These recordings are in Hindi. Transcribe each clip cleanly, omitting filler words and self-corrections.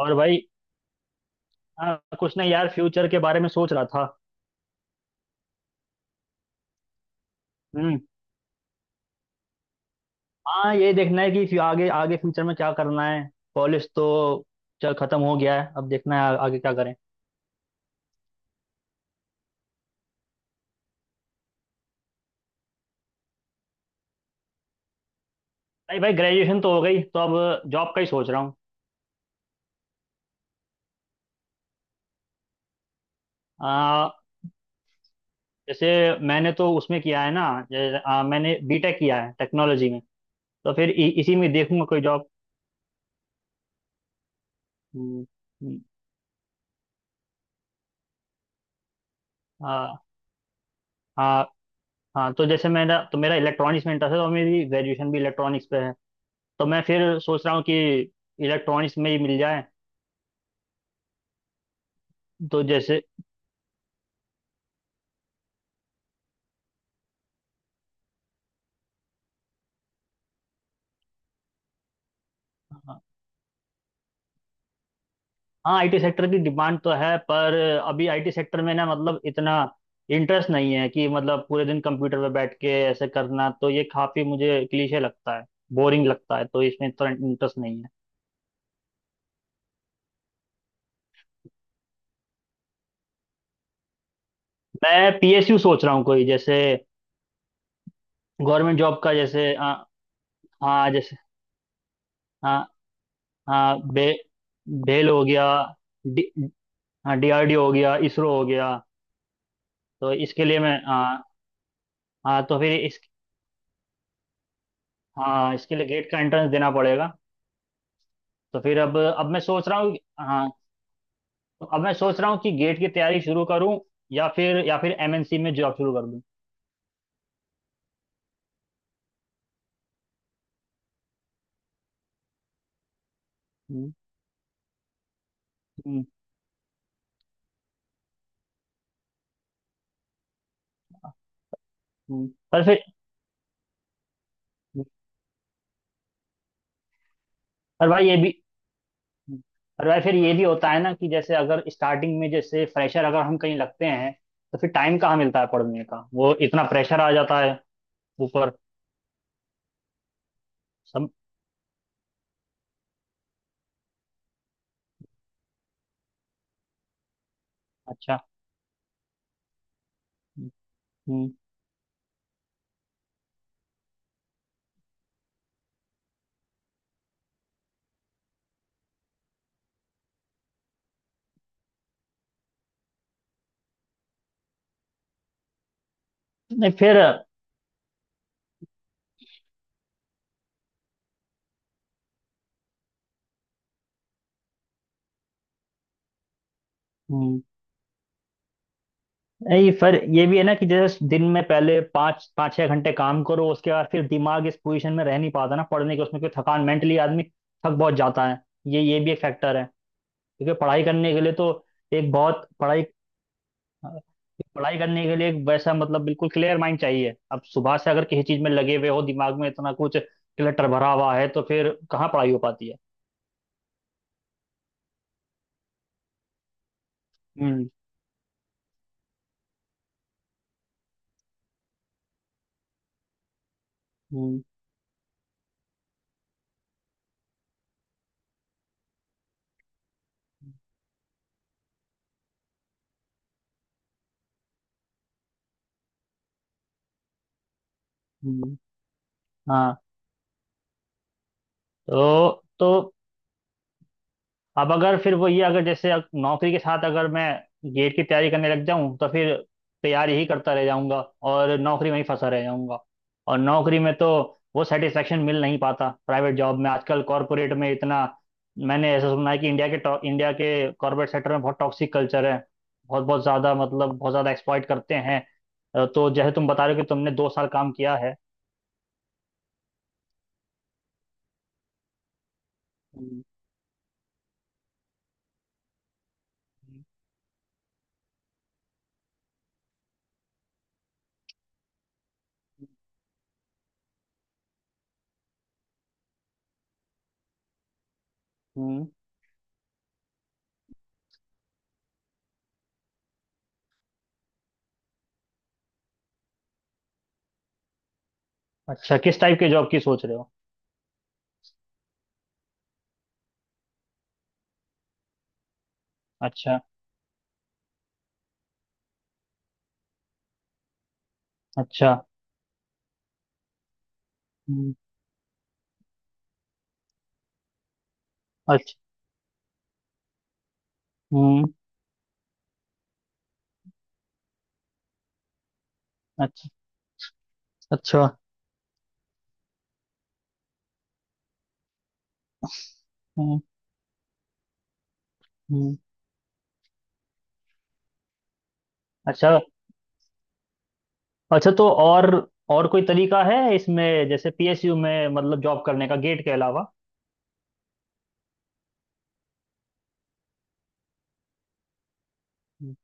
और भाई। हाँ, कुछ नहीं यार, फ्यूचर के बारे में सोच रहा था। हम्म। हाँ, ये देखना है कि आगे आगे फ्यूचर में क्या करना है। कॉलेज तो चल खत्म हो गया है, अब देखना है आगे क्या करें। नहीं भाई, ग्रेजुएशन तो हो गई, तो अब जॉब का ही सोच रहा हूँ। आ, जैसे, मैंने तो उसमें किया है ना। जैसे, मैंने बीटेक किया है टेक्नोलॉजी में। तो फिर इसी में देखूंगा कोई जॉब। हम्म। हम्म। हाँ। हाँ। हाँ, तो जैसे मेरा इलेक्ट्रॉनिक्स में इंटरेस्ट है, तो मेरी ग्रेजुएशन भी इलेक्ट्रॉनिक्स पे है। तो मैं फिर सोच रहा हूँ कि इलेक्ट्रॉनिक्स में ही मिल जाए। तो जैसे। हाँ। आईटी सेक्टर की डिमांड तो है, पर अभी आईटी सेक्टर में ना, मतलब इतना इंटरेस्ट नहीं है कि, मतलब पूरे दिन कंप्यूटर पे बैठ के ऐसे करना, तो ये काफी मुझे क्लीशे लगता है। बोरिंग लगता है, तो इसमें इतना इंटरेस्ट नहीं है। मैं पीएसयू सोच रहा हूँ, कोई जैसे गवर्नमेंट जॉब का, जैसे हाँ, जैसे। हाँ। हाँ। बे बेल हो गया। डी हाँ, डीआरडीओ हो गया, इसरो हो गया। तो इसके लिए मैं, हाँ। हाँ, तो फिर। हाँ, इसके लिए गेट का एंट्रेंस देना पड़ेगा। तो फिर अब मैं सोच रहा हूँ, हाँ। तो अब मैं सोच रहा हूँ कि गेट की तैयारी शुरू करूँ, या फिर एमएनसी में जॉब शुरू कर दूँ। हम्म। हम्म। हम्म। पर फिर। पर भाई ये भी। पर भाई फिर ये भी होता है ना कि जैसे अगर स्टार्टिंग में, जैसे फ्रेशर अगर हम कहीं लगते हैं, तो फिर टाइम कहाँ मिलता है पढ़ने का, वो इतना प्रेशर आ जाता है ऊपर। सब। अच्छा। हम्म। हम्म। नहीं, फिर। हम्म। नहीं, फिर ये भी है ना कि जैसे दिन में पहले पाँच पाँच छह घंटे काम करो, उसके बाद फिर दिमाग इस पोजीशन में रह नहीं पाता ना पढ़ने के, उसमें कोई थकान मेंटली आदमी थक बहुत जाता है। ये भी एक फैक्टर है। क्योंकि पढ़ाई करने के लिए तो एक बहुत पढ़ाई पढ़ाई करने के लिए एक वैसा, मतलब बिल्कुल क्लियर माइंड चाहिए। अब सुबह से अगर किसी चीज में लगे हुए हो, दिमाग में इतना कुछ क्लटर भरा हुआ है, तो फिर कहाँ पढ़ाई हो पाती है। हम्म। हम्म। हम्म। हाँ। तो। तो अब अगर फिर वो, ये अगर, जैसे नौकरी के साथ अगर मैं गेट की तैयारी करने लग जाऊं, तो फिर तैयारी ही करता रह जाऊंगा, और नौकरी में ही फंसा रह जाऊंगा। और नौकरी में तो वो सेटिस्फेक्शन मिल नहीं पाता प्राइवेट जॉब में, आजकल कॉरपोरेट में इतना, मैंने ऐसा सुना है कि इंडिया के कॉरपोरेट सेक्टर में बहुत टॉक्सिक कल्चर है। बहुत बहुत ज़्यादा, मतलब बहुत ज़्यादा एक्सप्लॉइट करते हैं। तो जैसे तुम बता रहे हो कि तुमने 2 साल काम किया है। हम्म। हम्म। अच्छा, किस टाइप के जॉब की सोच रहे हो? अच्छा। अच्छा। हम्म। हम्म। अच्छा। अच्छा। हम्म। हम्म। अच्छा। अच्छा, तो और कोई तरीका है इसमें, जैसे पीएसयू में, मतलब जॉब करने का गेट के अलावा? हम्म।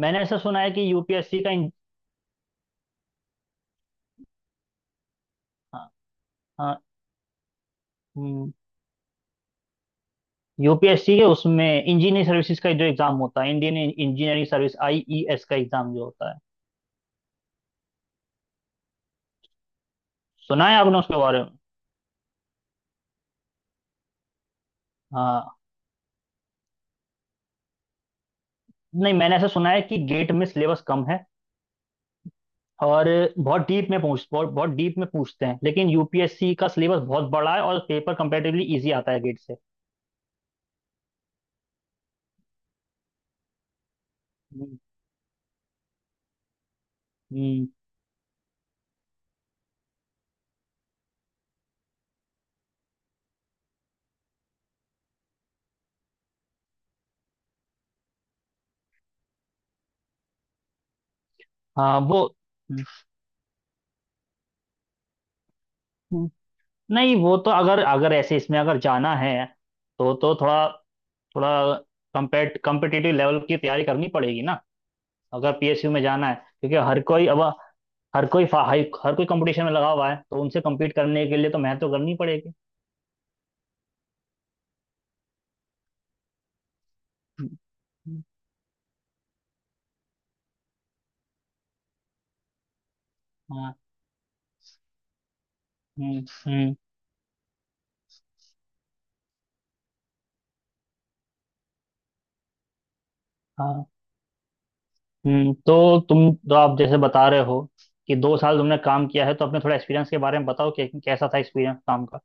मैंने ऐसा सुना है कि यूपीएससी का हाँ। हाँ। यूपीएससी के उसमें इंजीनियरिंग सर्विसेज का जो एग्जाम होता है, इंडियन इंजीनियरिंग सर्विस, आईईएस का एग्जाम जो होता है, सुना है आपने उसके बारे में? हाँ। नहीं, मैंने ऐसा सुना है कि गेट में सिलेबस कम है और बहुत बहुत डीप में पूछते हैं, लेकिन यूपीएससी का सिलेबस बहुत बड़ा है और पेपर कंपैरेटिवली इजी आता है गेट से। हम्म। हम्म। हाँ, वो। हम्म। नहीं, वो तो अगर अगर ऐसे इसमें अगर जाना है, तो थोड़ा, थोड़ा कम्पेट कम्पिटिटिव लेवल की तैयारी करनी पड़ेगी ना, अगर पीएसयू में जाना है, क्योंकि हर कोई अब हर कोई फा- हाई- हर कोई कंपटीशन में लगा हुआ है, तो उनसे कम्पीट करने के लिए तो मेहनत तो करनी पड़ेगी। हम्म। हम्म। हाँ। हम्म। हम्म। हाँ। हम्म। तो तुम तो आप जैसे बता रहे हो कि 2 साल तुमने काम किया है, तो अपने थोड़ा एक्सपीरियंस के बारे में बताओ कि कैसा था एक्सपीरियंस काम का।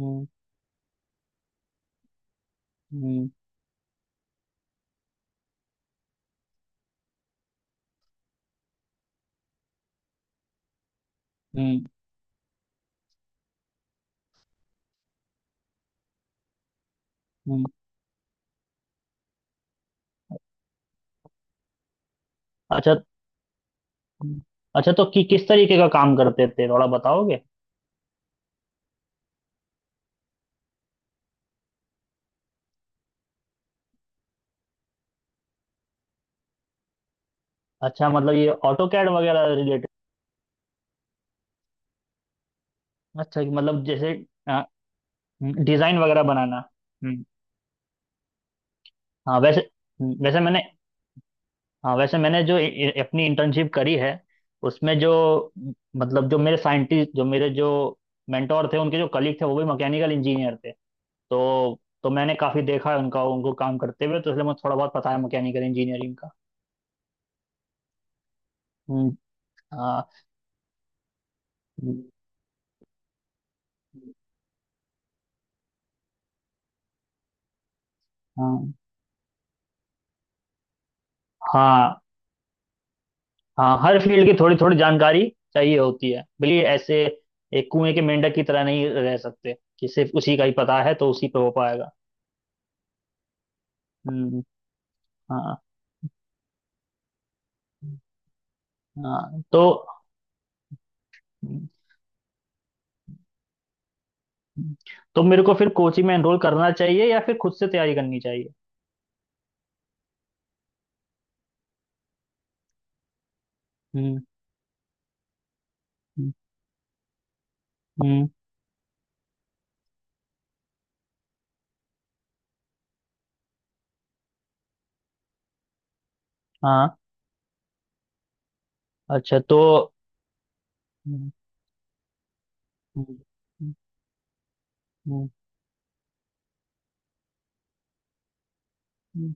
हम्म। हम्म। हम्म। हम्म। अच्छा। हम्म। अच्छा, तो कि किस तरीके का काम करते थे, थोड़ा बताओगे? अच्छा, मतलब ये ऑटो कैड वगैरह रिलेटेड? अच्छा कि, मतलब जैसे डिजाइन वगैरह बनाना। हम्म। हाँ, वैसे। हम्म। वैसे मैंने। हाँ, वैसे मैंने जो अपनी इंटर्नशिप करी है उसमें, जो, मतलब जो मेरे साइंटिस्ट, जो मेरे, जो मेंटोर थे, उनके जो कलीग थे वो भी मैकेनिकल इंजीनियर थे। तो मैंने काफ़ी देखा है उनका उनको काम करते हुए, तो इसलिए मुझे थोड़ा बहुत पता है मैकेनिकल इंजीनियरिंग का। हम्म। हाँ। हाँ। हाँ। हाँ, हर फील्ड की थोड़ी थोड़ी जानकारी चाहिए होती है, भले ऐसे एक कुएं के मेंढक की तरह नहीं रह सकते कि सिर्फ उसी का ही पता है तो उसी पे हो पाएगा। हम्म। हाँ। हाँ, तो मेरे को फिर कोचिंग में एनरोल करना चाहिए या फिर खुद से तैयारी करनी चाहिए? हम्म। हम्म। हम्म। हाँ। अच्छा, तो। हम्म। हम्म। हम्म। हम्म।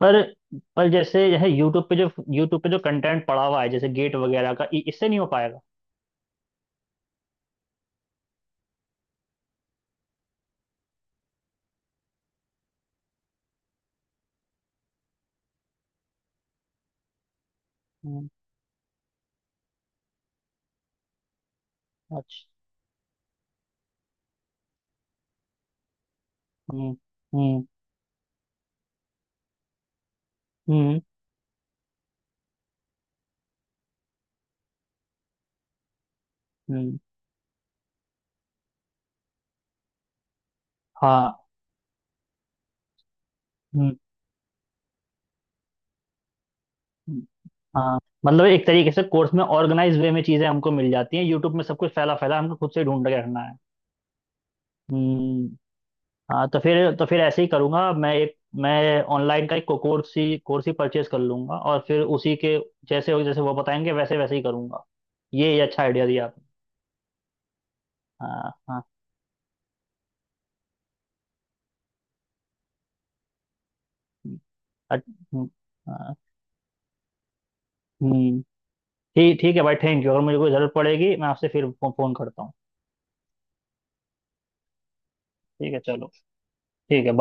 पर पर जैसे यह यूट्यूब पे जो, यूट्यूब पे जो कंटेंट पड़ा हुआ है जैसे गेट वगैरह का, इससे नहीं हो पाएगा? हम्म। अच्छा। हम्म। हम्म। हम्म। हम्म। हाँ। हम्म। हम्म। हाँ, मतलब एक तरीके से कोर्स में ऑर्गेनाइज वे में चीजें हमको मिल जाती हैं, यूट्यूब में सब कुछ फैला फैला हमको खुद से ढूंढ के रखना है। हम्म। हाँ, तो फिर ऐसे ही करूंगा मैं, एक, मैं ऑनलाइन का एक कोर्स ही परचेज कर लूंगा, और फिर उसी के जैसे हो, जैसे वो बताएंगे वैसे वैसे ही करूंगा। ये अच्छा आइडिया दिया आपने। हाँ। हाँ। हम्म। अच- हम्म। हाँ। हम्म। ठीक ठीक है भाई, थैंक यू। अगर मुझे कोई ज़रूरत पड़ेगी मैं आपसे फिर फ़ोन करता हूँ। ठीक है, चलो। ठीक है, बाय।